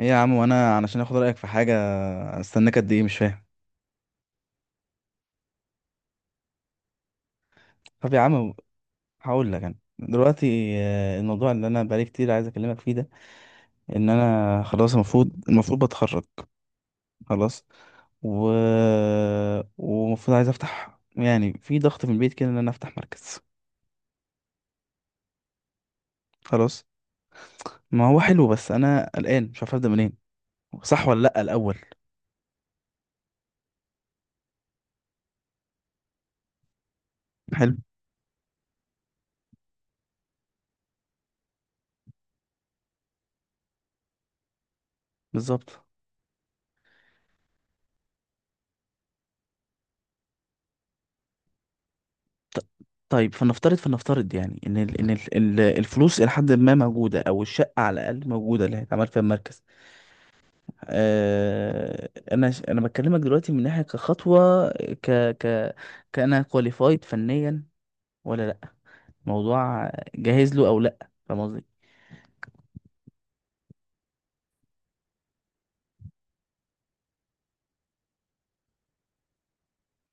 ايه يا عم، وانا علشان اخد رايك في حاجه استناك قد ايه، مش فاهم. طب يا عم، هقول لك انا دلوقتي الموضوع اللي انا بقالي كتير عايز اكلمك فيه ده، ان انا خلاص، المفروض بتخرج خلاص، و ومفروض عايز افتح، يعني في ضغط في البيت كده ان انا افتح مركز. خلاص. ما هو حلو، بس انا قلقان مش عارف ابدا منين، صح ولا لا الاول؟ حلو. بالظبط. ط- طيب، فلنفترض يعني ان الفلوس الى حد ما موجوده، او الشقه على الاقل موجوده اللي هيتعمل فيها المركز. انا بكلمك دلوقتي من ناحيه كخطوه، ك ك كأنا كواليفايد فنيا ولا لا، موضوع جاهز له او لا، فاهم قصدي؟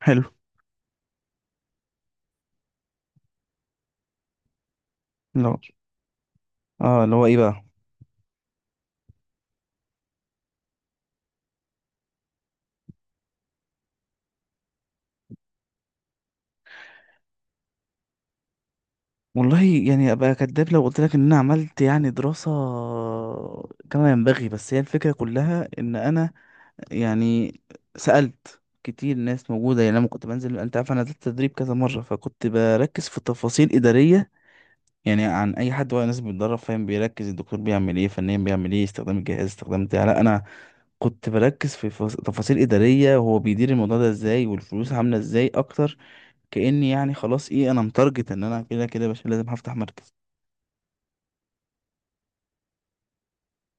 حلو. لا. اه، اللي هو ايه بقى؟ والله، يعني ابقى كداب لو قلت لك ان انا عملت يعني دراسة كما ينبغي، بس هي الفكرة كلها ان انا يعني سألت كتير ناس موجودة، يعني لما كنت بنزل انت عارف انا نزلت تدريب كذا مرة، فكنت بركز في تفاصيل إدارية. يعني عن اي حد وهو ناس بيتدرب فاهم بيركز الدكتور بيعمل ايه فنيا، بيعمل ايه، استخدام الجهاز، استخدام بتاع، لا انا كنت بركز في تفاصيل إدارية، وهو بيدير الموضوع ده ازاي والفلوس عاملة ازاي اكتر، كأني يعني خلاص، ايه، انا متارجت ان انا كده كده يا باشا لازم هفتح مركز.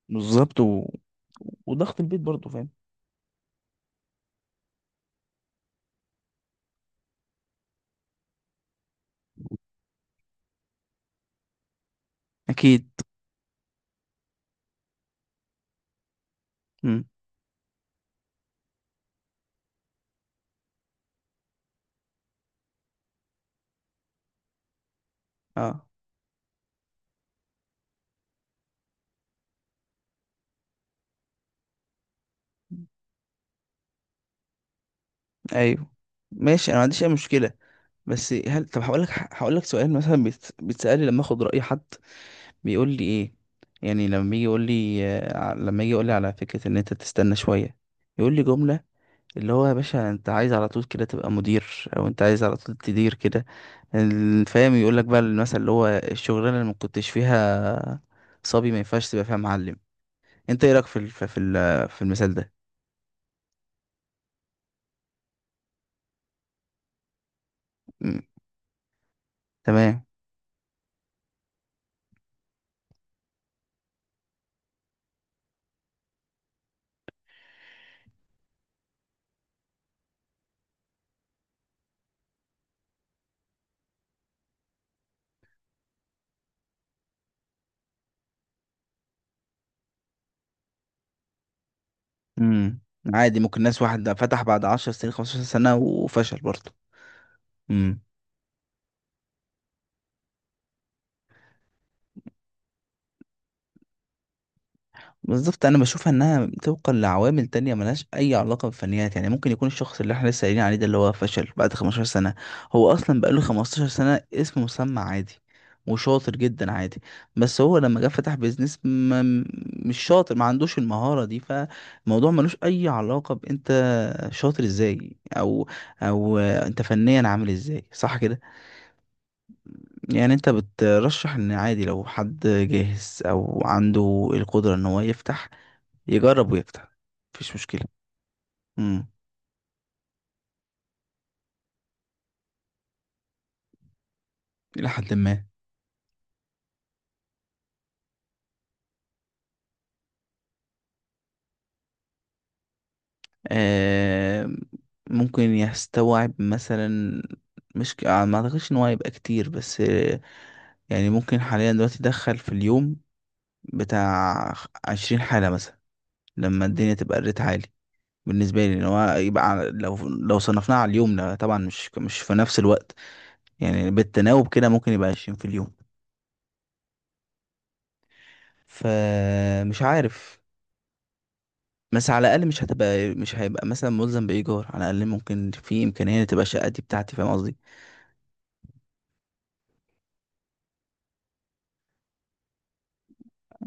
بالظبط. و... وضغط البيت برضه، فاهم. اكيد. مم. اه. ايوه. ماشي، انا ما عنديش اي مشكلة. بس هل، طب هقول لك سؤال مثلا، بيتسألي لما اخد رأي حد، بيقول لي ايه؟ يعني لما يجي يقول لي على فكرة ان انت تستنى شوية، يقول لي جملة، اللي هو يا باشا انت عايز على طول كده تبقى مدير، او انت عايز على طول تدير كده. فاهم، يقول لك بقى المثل، اللي هو الشغلانة اللي ما كنتش فيها صبي، ما ينفعش تبقى فيها معلم. انت ايه رأيك في المثال ده؟ مم. تمام. امم عادي، ممكن ناس، واحد فتح بعد 10 سنين، 15 سنة، وفشل برضه. بالظبط، انا بشوف انها طبقا لعوامل تانية، ملهاش اي علاقة بالفنيات، يعني ممكن يكون الشخص اللي احنا لسه قايلين عليه ده اللي هو فشل بعد 15 سنة، هو اصلا بقاله 15 سنة اسم مسمى عادي، وشاطر جدا عادي، بس هو لما جه فتح بيزنس ما، مش شاطر ما عندوش المهارة دي، فالموضوع ملوش اي علاقة بانت شاطر ازاي، او انت فنيا عامل ازاي، صح كده؟ يعني انت بترشح ان عادي لو حد جاهز او عنده القدرة ان هو يفتح، يجرب ويفتح، مفيش مشكلة. امم الى حد ما. آه ممكن يستوعب مثلا، مش ك- آه، ما اعتقدش ان هو هيبقى كتير، بس يعني ممكن حاليا دلوقتي يدخل في اليوم بتاع 20 حالة مثلا، لما الدنيا تبقى الريت عالي. بالنسبة لي ان هو يبقى لو صنفناه على اليوم، لا طبعا، مش في نفس الوقت. يعني بالتناوب كده ممكن يبقى 20 في اليوم، فمش عارف. بس على الاقل مش هيبقى مثلا ملزم بايجار، على الاقل ممكن في امكانيه تبقى الشقه دي بتاعتي، فاهم قصدي؟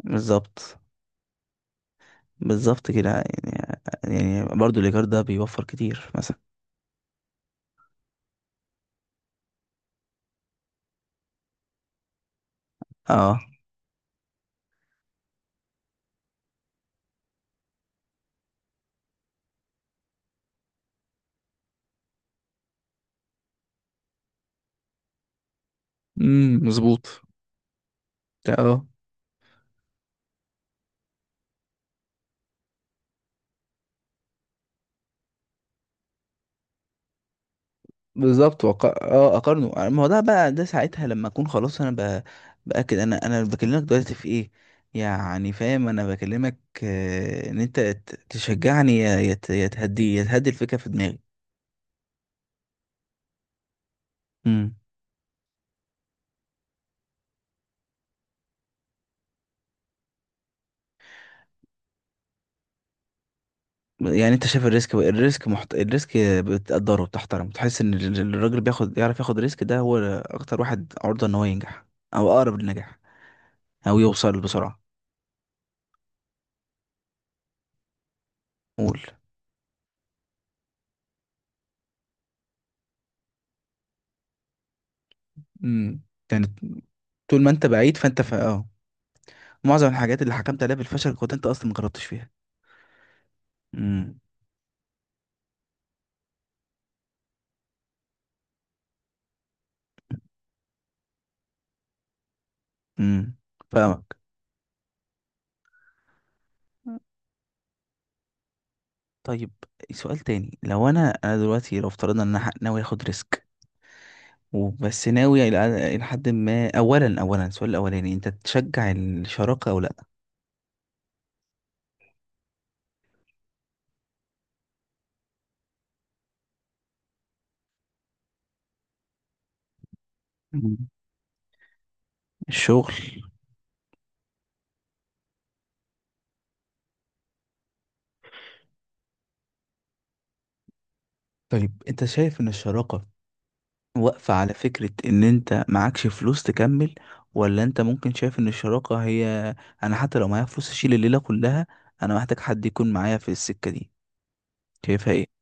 بالظبط. بالظبط كده، يعني برضو الايجار ده بيوفر كتير مثلا. اه. مظبوط. اه بالظبط، وق... اه اقارنه، ما هو ده بقى، ده ساعتها لما اكون خلاص، انا باكد، انا بكلمك دلوقتي في ايه، يعني فاهم، انا بكلمك ان انت تشجعني، يا تهدي الفكره في دماغي. امم يعني انت شايف الريسك، بتقدره، بتحترمه، بتحس ان الراجل، يعرف ياخد ريسك، ده هو اكتر واحد عرضة ان هو ينجح، او اقرب للنجاح، او يوصل بسرعة. قول. امم يعني طول ما انت بعيد فانت ف... اه معظم الحاجات اللي حكمت عليها بالفشل كنت انت اصلا ما جربتش فيها. امم امم فاهمك. طيب، سؤال تاني، لو انا دلوقتي، لو افترضنا ان انا ناوي اخد ريسك، وبس ناوي إلى حد ما. اولا، السؤال الاولاني، انت تشجع الشراكة او لا؟ مم. الشغل. طيب، انت شايف ان الشراكة واقفة على فكرة ان انت معكش فلوس تكمل، ولا انت ممكن شايف ان الشراكة هي، انا حتى لو معايا فلوس اشيل الليلة كلها، انا محتاج حد يكون معايا في السكة دي، شايفها ايه؟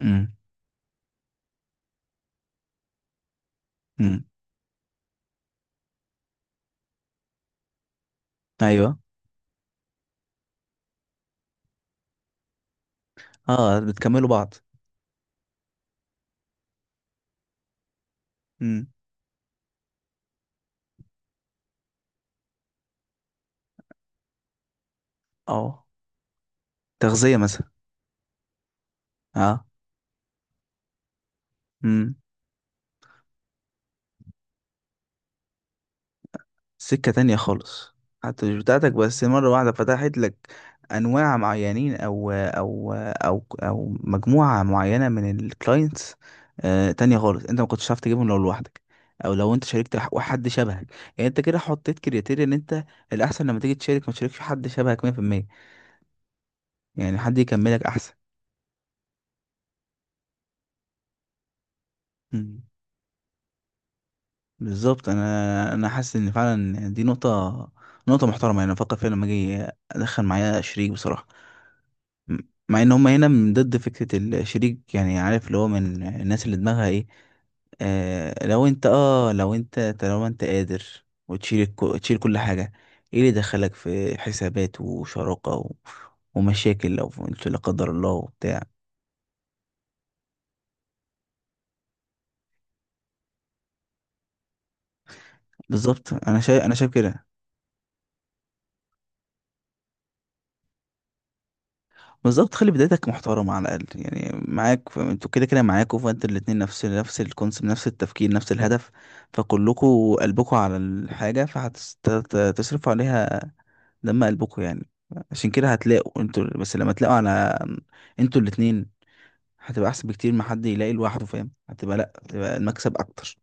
امم. امم. ايوه. اه، بتكملوا بعض. امم. اه، تغذية مثلا. اه. امم. سكة تانية خالص، حتى مش بتاعتك، بس مرة واحدة فتحت لك أنواع معينين، أو مجموعة معينة من الكلاينتس تانية خالص، أنت ما كنتش عارف تجيبهم لو لوحدك، أو لو أنت شاركت حد شبهك. يعني أنت كده حطيت كريتيريا، إن أنت الأحسن لما تيجي تشارك ما تشاركش حد شبهك 100%، يعني حد يكملك أحسن. مم. بالظبط، أنا حاسس إن فعلا دي نقطة محترمة، يعني أفكر فيها لما أجي أدخل معايا شريك بصراحة. م- مع ان هم هنا من ضد فكرة الشريك، يعني عارف اللي هو من الناس اللي دماغها ايه. لو انت، طالما انت قادر وتشيل تشيل كل حاجة، ايه اللي دخلك في حسابات وشراكة، و... ومشاكل لو انت لا قدر الله وبتاع. بالظبط، انا شايف كده. بالظبط، خلي بدايتك محترمة على الأقل، يعني معاك، انتوا كده كده معاكوا، فانت الاتنين نفس الكونسيبت، نفس التفكير، نفس الهدف، فكلكوا قلبكوا على الحاجة فهتصرفوا عليها دم قلبكوا يعني. عشان كده هتلاقوا، انتوا بس لما تلاقوا على، انتوا الاتنين هتبقى احسن بكتير ما حد يلاقي لوحده، فاهم، لا، هتبقى المكسب اكتر.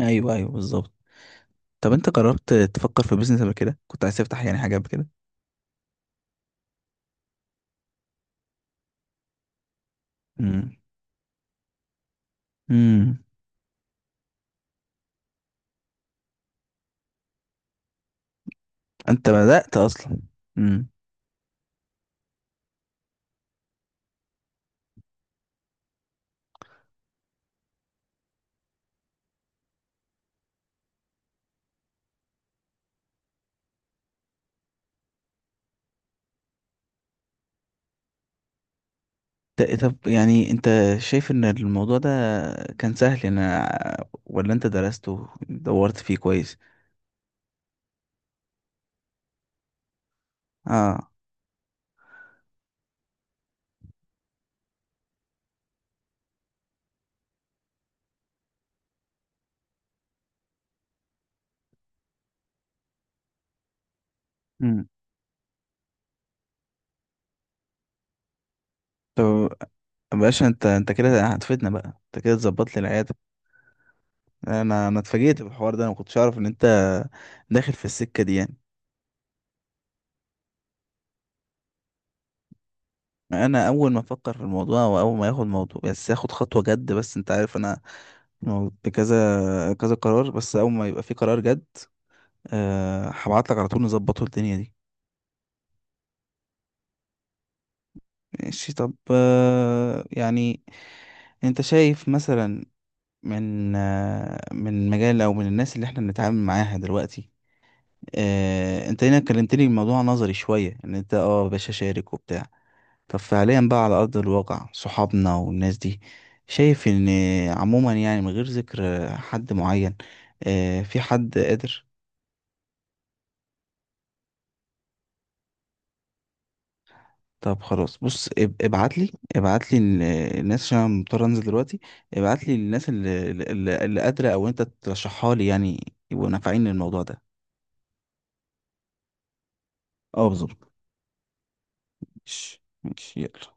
ايوه، ايوه، بالظبط. طب انت جربت تفكر في بيزنس قبل كده، كنت عايز تفتح يعني حاجه قبل كده؟ امم. امم. انت بدأت اصلا. امم طب يعني، انت شايف ان الموضوع ده كان سهل انا، ولا انت درسته دورت فيه كويس؟ اه. طب يا باشا، انت كده هتفيدنا بقى، انت كده تظبط لي العياده. انا اتفاجئت بالحوار ده، انا ما كنتش اعرف ان انت داخل في السكه دي يعني. انا اول ما افكر في الموضوع، واول ما ياخد موضوع بس ياخد خطوه جد، بس انت عارف انا موجود كذا كذا قرار، بس اول ما يبقى في قرار جد، أه هبعت لك على طول نظبطه الدنيا دي. ماشي. طب، يعني انت شايف مثلا، من مجال، او من الناس اللي احنا بنتعامل معاها دلوقتي، انت هنا كلمتني الموضوع نظري شوية ان انت يا باشا شارك وبتاع. طب فعليا بقى على ارض الواقع، صحابنا والناس دي شايف ان، عموما يعني من غير ذكر حد معين، في حد قادر؟ طب خلاص، بص ابعت لي الناس، عشان انا مضطر انزل دلوقتي. ابعت لي الناس اللي قادرة، او انت ترشحها لي، يعني يبقوا نافعين للموضوع ده. اه، بالظبط. ماشي، ماشي، يلا.